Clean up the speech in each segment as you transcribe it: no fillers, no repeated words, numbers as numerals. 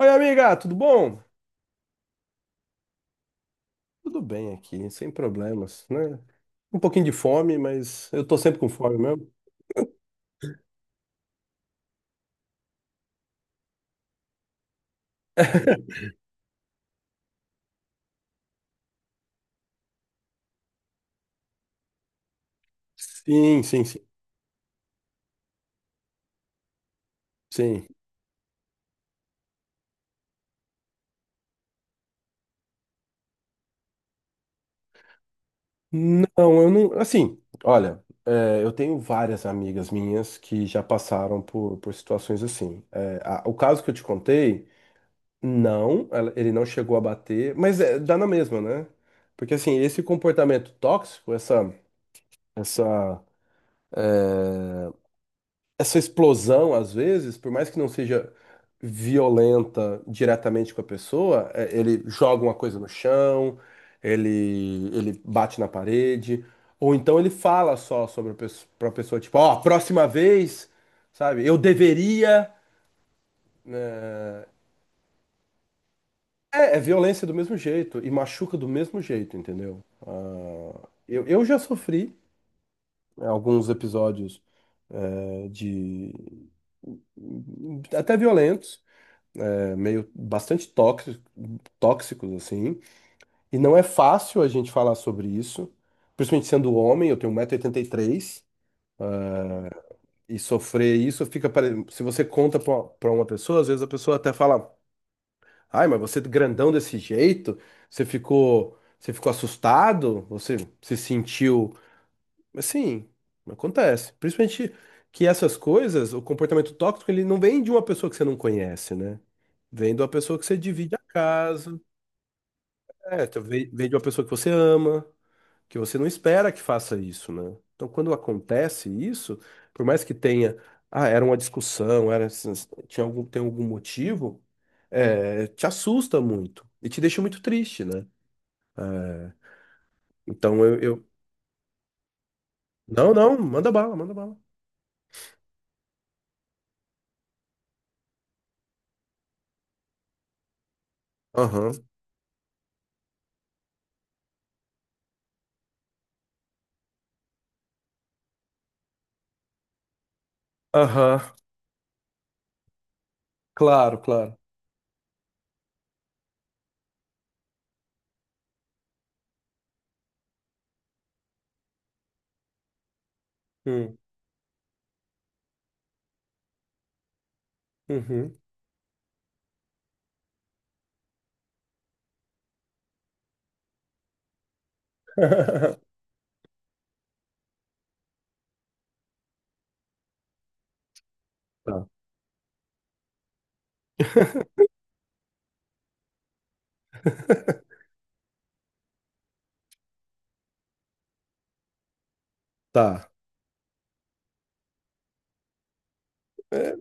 Oi, amiga, tudo bom? Tudo bem aqui, sem problemas, né? Um pouquinho de fome, mas eu tô sempre com fome mesmo. Sim, sim, sim, sim. Não, eu não. Assim, olha, é, eu tenho várias amigas minhas que já passaram por situações assim. É, o caso que eu te contei, não, ele não chegou a bater, mas é, dá na mesma, né? Porque assim, esse comportamento tóxico, essa essa explosão, às vezes, por mais que não seja violenta diretamente com a pessoa, ele joga uma coisa no chão, ele bate na parede, ou então ele fala só sobre a pessoa, pra pessoa, tipo, ó, próxima vez, sabe, eu deveria. É, é violência do mesmo jeito e machuca do mesmo jeito, entendeu? Ah, eu já sofri, né, alguns episódios de até violentos. É meio bastante tóxicos, assim. E não é fácil a gente falar sobre isso, principalmente sendo homem, eu tenho 1,83 m e oitenta e três e sofrer isso fica se você conta para uma pessoa, às vezes a pessoa até fala: "Ai, mas você é grandão desse jeito, você ficou assustado, você se sentiu". Mas sim, acontece. Principalmente que essas coisas, o comportamento tóxico, ele não vem de uma pessoa que você não conhece, né? Vem de uma pessoa que você divide a casa. É, tu vem de uma pessoa que você ama, que você não espera que faça isso, né? Então, quando acontece isso, por mais que tenha, ah, era uma discussão, era, tinha algum, tem algum motivo, te assusta muito e te deixa muito triste, né? Então, não, não, manda bala, manda bala. Aham, aham, claro, claro. Hum, uhum. Tá, tá. É,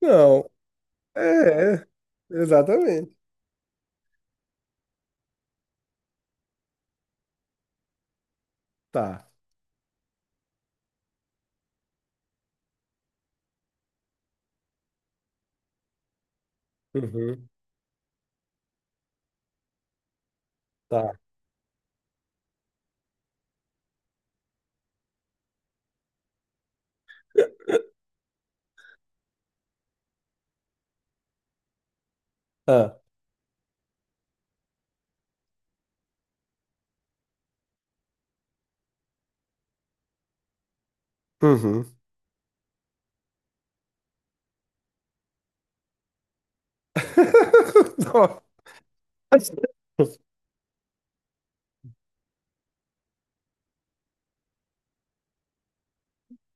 não, é, é, exatamente. Tá, uhum, tá. Ah. Uhum. Nossa.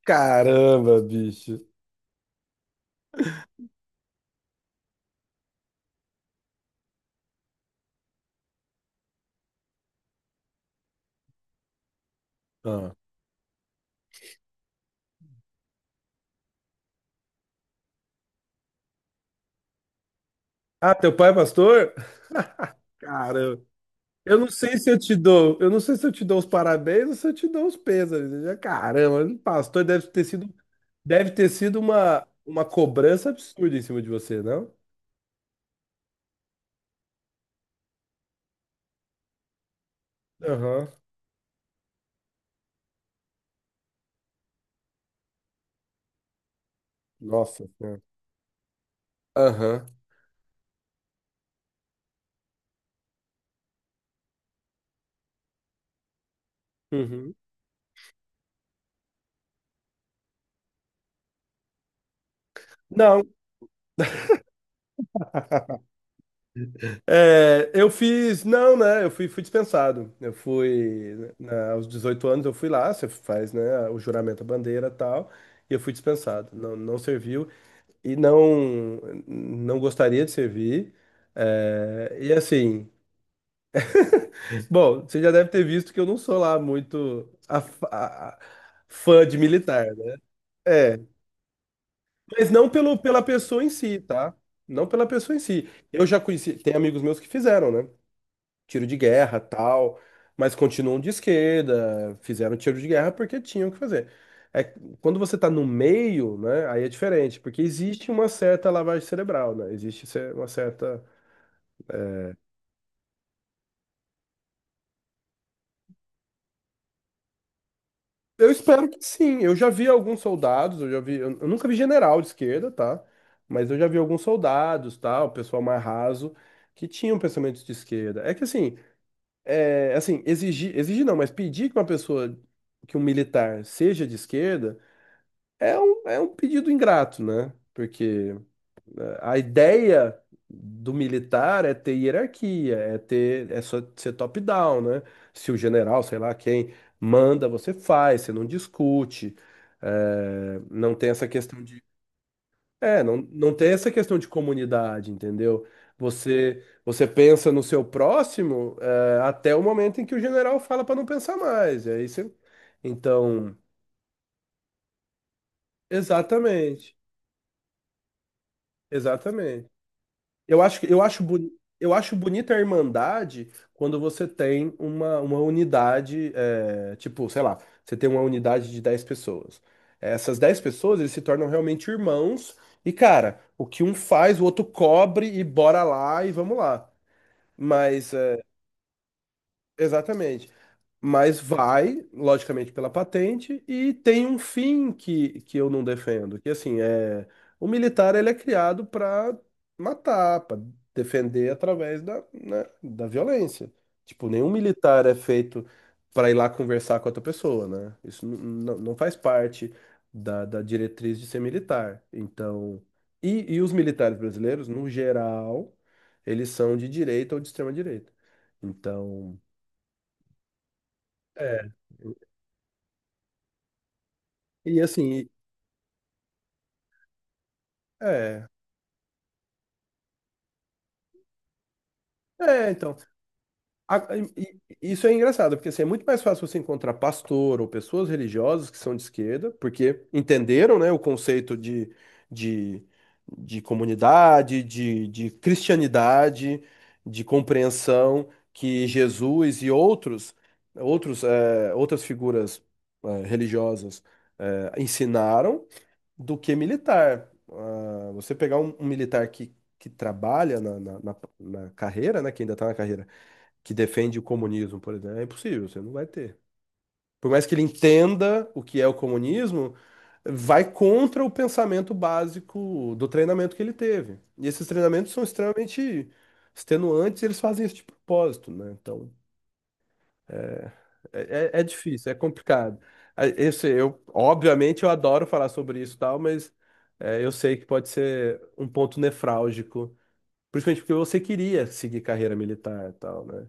Caramba, bicho. Ah. Ah, teu pai é pastor? Caramba. Eu não sei se eu te dou os parabéns ou se eu te dou os pêsames. Caramba, o pastor deve ter sido uma cobrança absurda em cima de você, não? Aham. Nossa Senhora. Aham. Uhum. Não, é, eu fiz. Não, né? Eu fui dispensado. Eu fui. Aos 18 anos eu fui lá, você faz, né, o juramento à bandeira e tal. E eu fui dispensado. Não, não serviu e não, não gostaria de servir. É, e assim. Bom, você já deve ter visto que eu não sou lá muito a- a- fã de militar, né? É, mas não pelo, pela pessoa em si, tá? Não pela pessoa em si. Eu já conheci. Tem amigos meus que fizeram, né, tiro de guerra, tal, mas continuam de esquerda, fizeram tiro de guerra porque tinham que fazer. É, quando você tá no meio, né, aí é diferente, porque existe uma certa lavagem cerebral, né? Existe uma certa. Eu espero que sim. Eu já vi alguns soldados, eu nunca vi general de esquerda, tá? Mas eu já vi alguns soldados, tal, pessoal mais raso, que tinham pensamentos de esquerda. É que assim, assim, exigir, exigir não, mas pedir que uma pessoa, que um militar seja de esquerda é um pedido ingrato, né? Porque a ideia do militar é ter hierarquia, é ter, é só ser top-down, né? Se o general, sei lá, quem manda, você faz, você não discute, não tem essa questão de, não, não tem essa questão de comunidade, entendeu? Você pensa no seu próximo, até o momento em que o general fala para não pensar mais. Então, exatamente, exatamente. Eu acho, que- eu acho, boni- eu acho bonita a irmandade quando você tem uma unidade, tipo, sei lá, você tem uma unidade de 10 pessoas. Essas 10 pessoas, eles se tornam realmente irmãos. E, cara, o que um faz, o outro cobre e bora lá e vamos lá. Mas exatamente. Mas vai, logicamente, pela patente e tem um fim que, eu não defendo, que assim, é o militar ele é criado para matar, para defender através da, né, da violência. Tipo, nenhum militar é feito para ir lá conversar com outra pessoa, né? Isso não faz parte da diretriz de ser militar. Então, e os militares brasileiros, no geral, eles são de direita ou de extrema direita. Então é, e assim, é, é, então, a- isso é engraçado, porque assim, é muito mais fácil você encontrar pastor ou pessoas religiosas que são de esquerda, porque entenderam, né, o conceito de, de, comunidade, de cristianidade, de compreensão que Jesus e outros, outras figuras, religiosas, ensinaram do que militar. Ah, você pegar um, militar que, trabalha na carreira, né, que ainda está na carreira, que defende o comunismo, por exemplo, é impossível, você não vai ter. Por mais que ele entenda o que é o comunismo, vai contra o pensamento básico do treinamento que ele teve. E esses treinamentos são extremamente extenuantes, e eles fazem isso de propósito, né? Então. É, é difícil, é complicado. A- Eu eu, obviamente eu adoro falar sobre isso e tal, mas eu sei que pode ser um ponto nefrálgico, principalmente porque você queria seguir carreira militar e tal, né?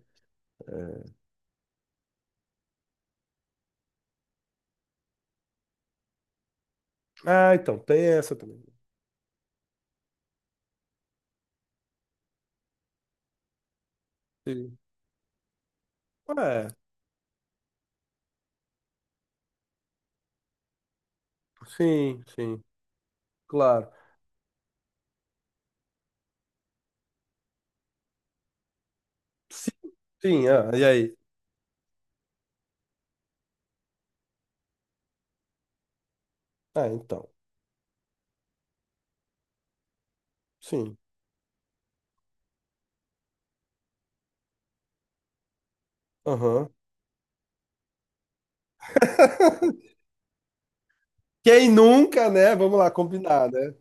Ah, então, tem essa também. Sim. É, sim, sim, claro. Sim, sim, ah, e aí? Ah, então, sim, aham. Quem nunca, né? Vamos lá, combinar, né?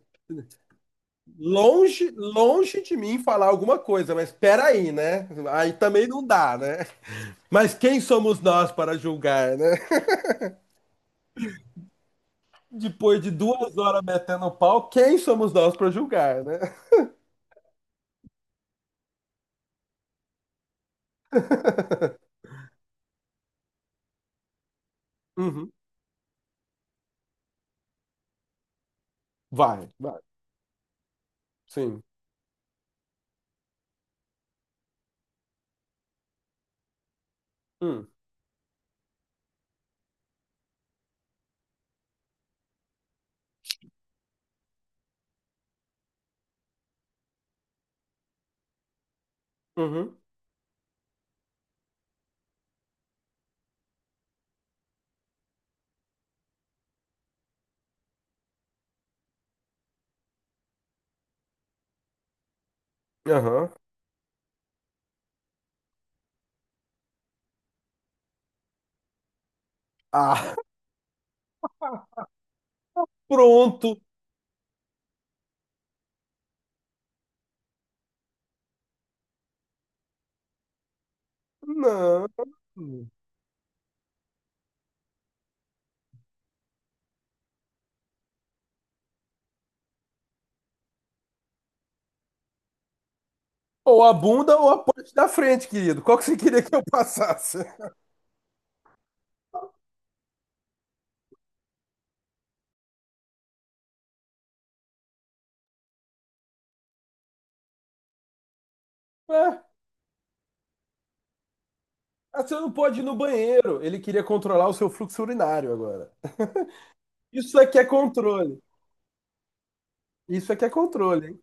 Longe, longe de mim falar alguma coisa, mas peraí, né? Aí também não dá, né? Mas quem somos nós para julgar, né? Depois de 2 horas metendo o pau, quem somos nós para julgar, né? Uhum. Vai, vai. Sim. Hum. Uhum. Aham. Ah, pronto. Não. Ou a bunda ou a parte da frente, querido. Qual que você queria que eu passasse? É, ah, você não pode ir no banheiro. Ele queria controlar o seu fluxo urinário agora. Isso aqui é controle. Isso aqui é controle, hein?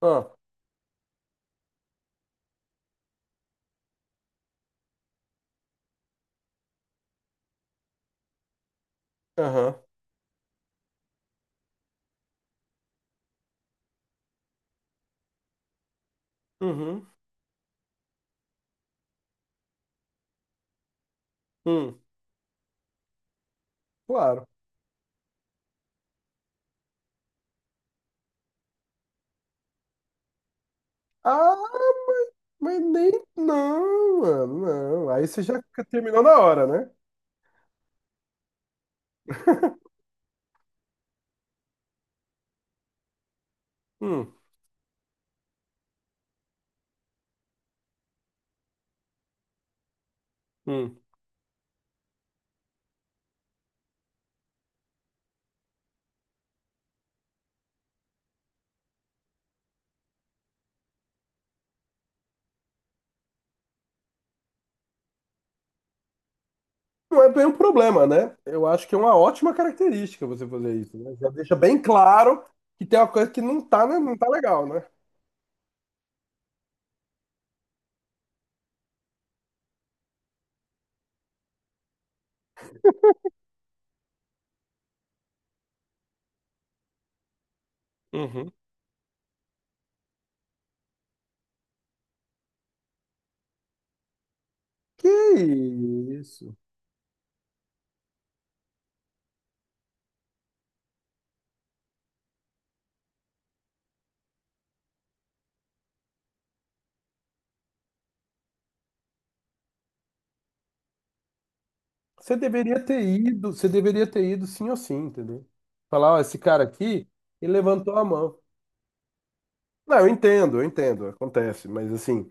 Ó. Aham. Uhum. Hum. Claro. Ah, mas nem. Não, mano, não. Aí você já terminou na hora, né? Hum, hum. Não é bem um problema, né? Eu acho que é uma ótima característica você fazer isso, né? Já deixa bem claro que tem uma coisa que não tá, né? Não tá legal, né? Uhum. Que isso? Você deveria ter ido, você deveria ter ido sim ou sim, entendeu? Falar, ó, esse cara aqui, ele levantou a mão. Não, eu entendo, acontece, mas assim,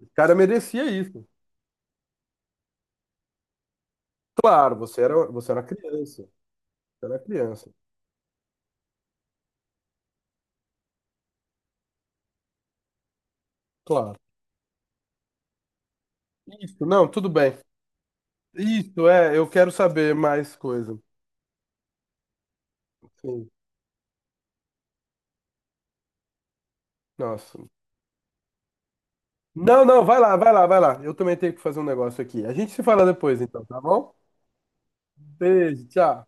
o cara merecia isso. Claro, você era uma criança. Era criança. Claro. Isso, não, tudo bem. Isso, eu quero saber mais coisa. Sim. Nossa. Não, não, vai lá, vai lá, vai lá. Eu também tenho que fazer um negócio aqui. A gente se fala depois, então, tá bom? Beijo, tchau.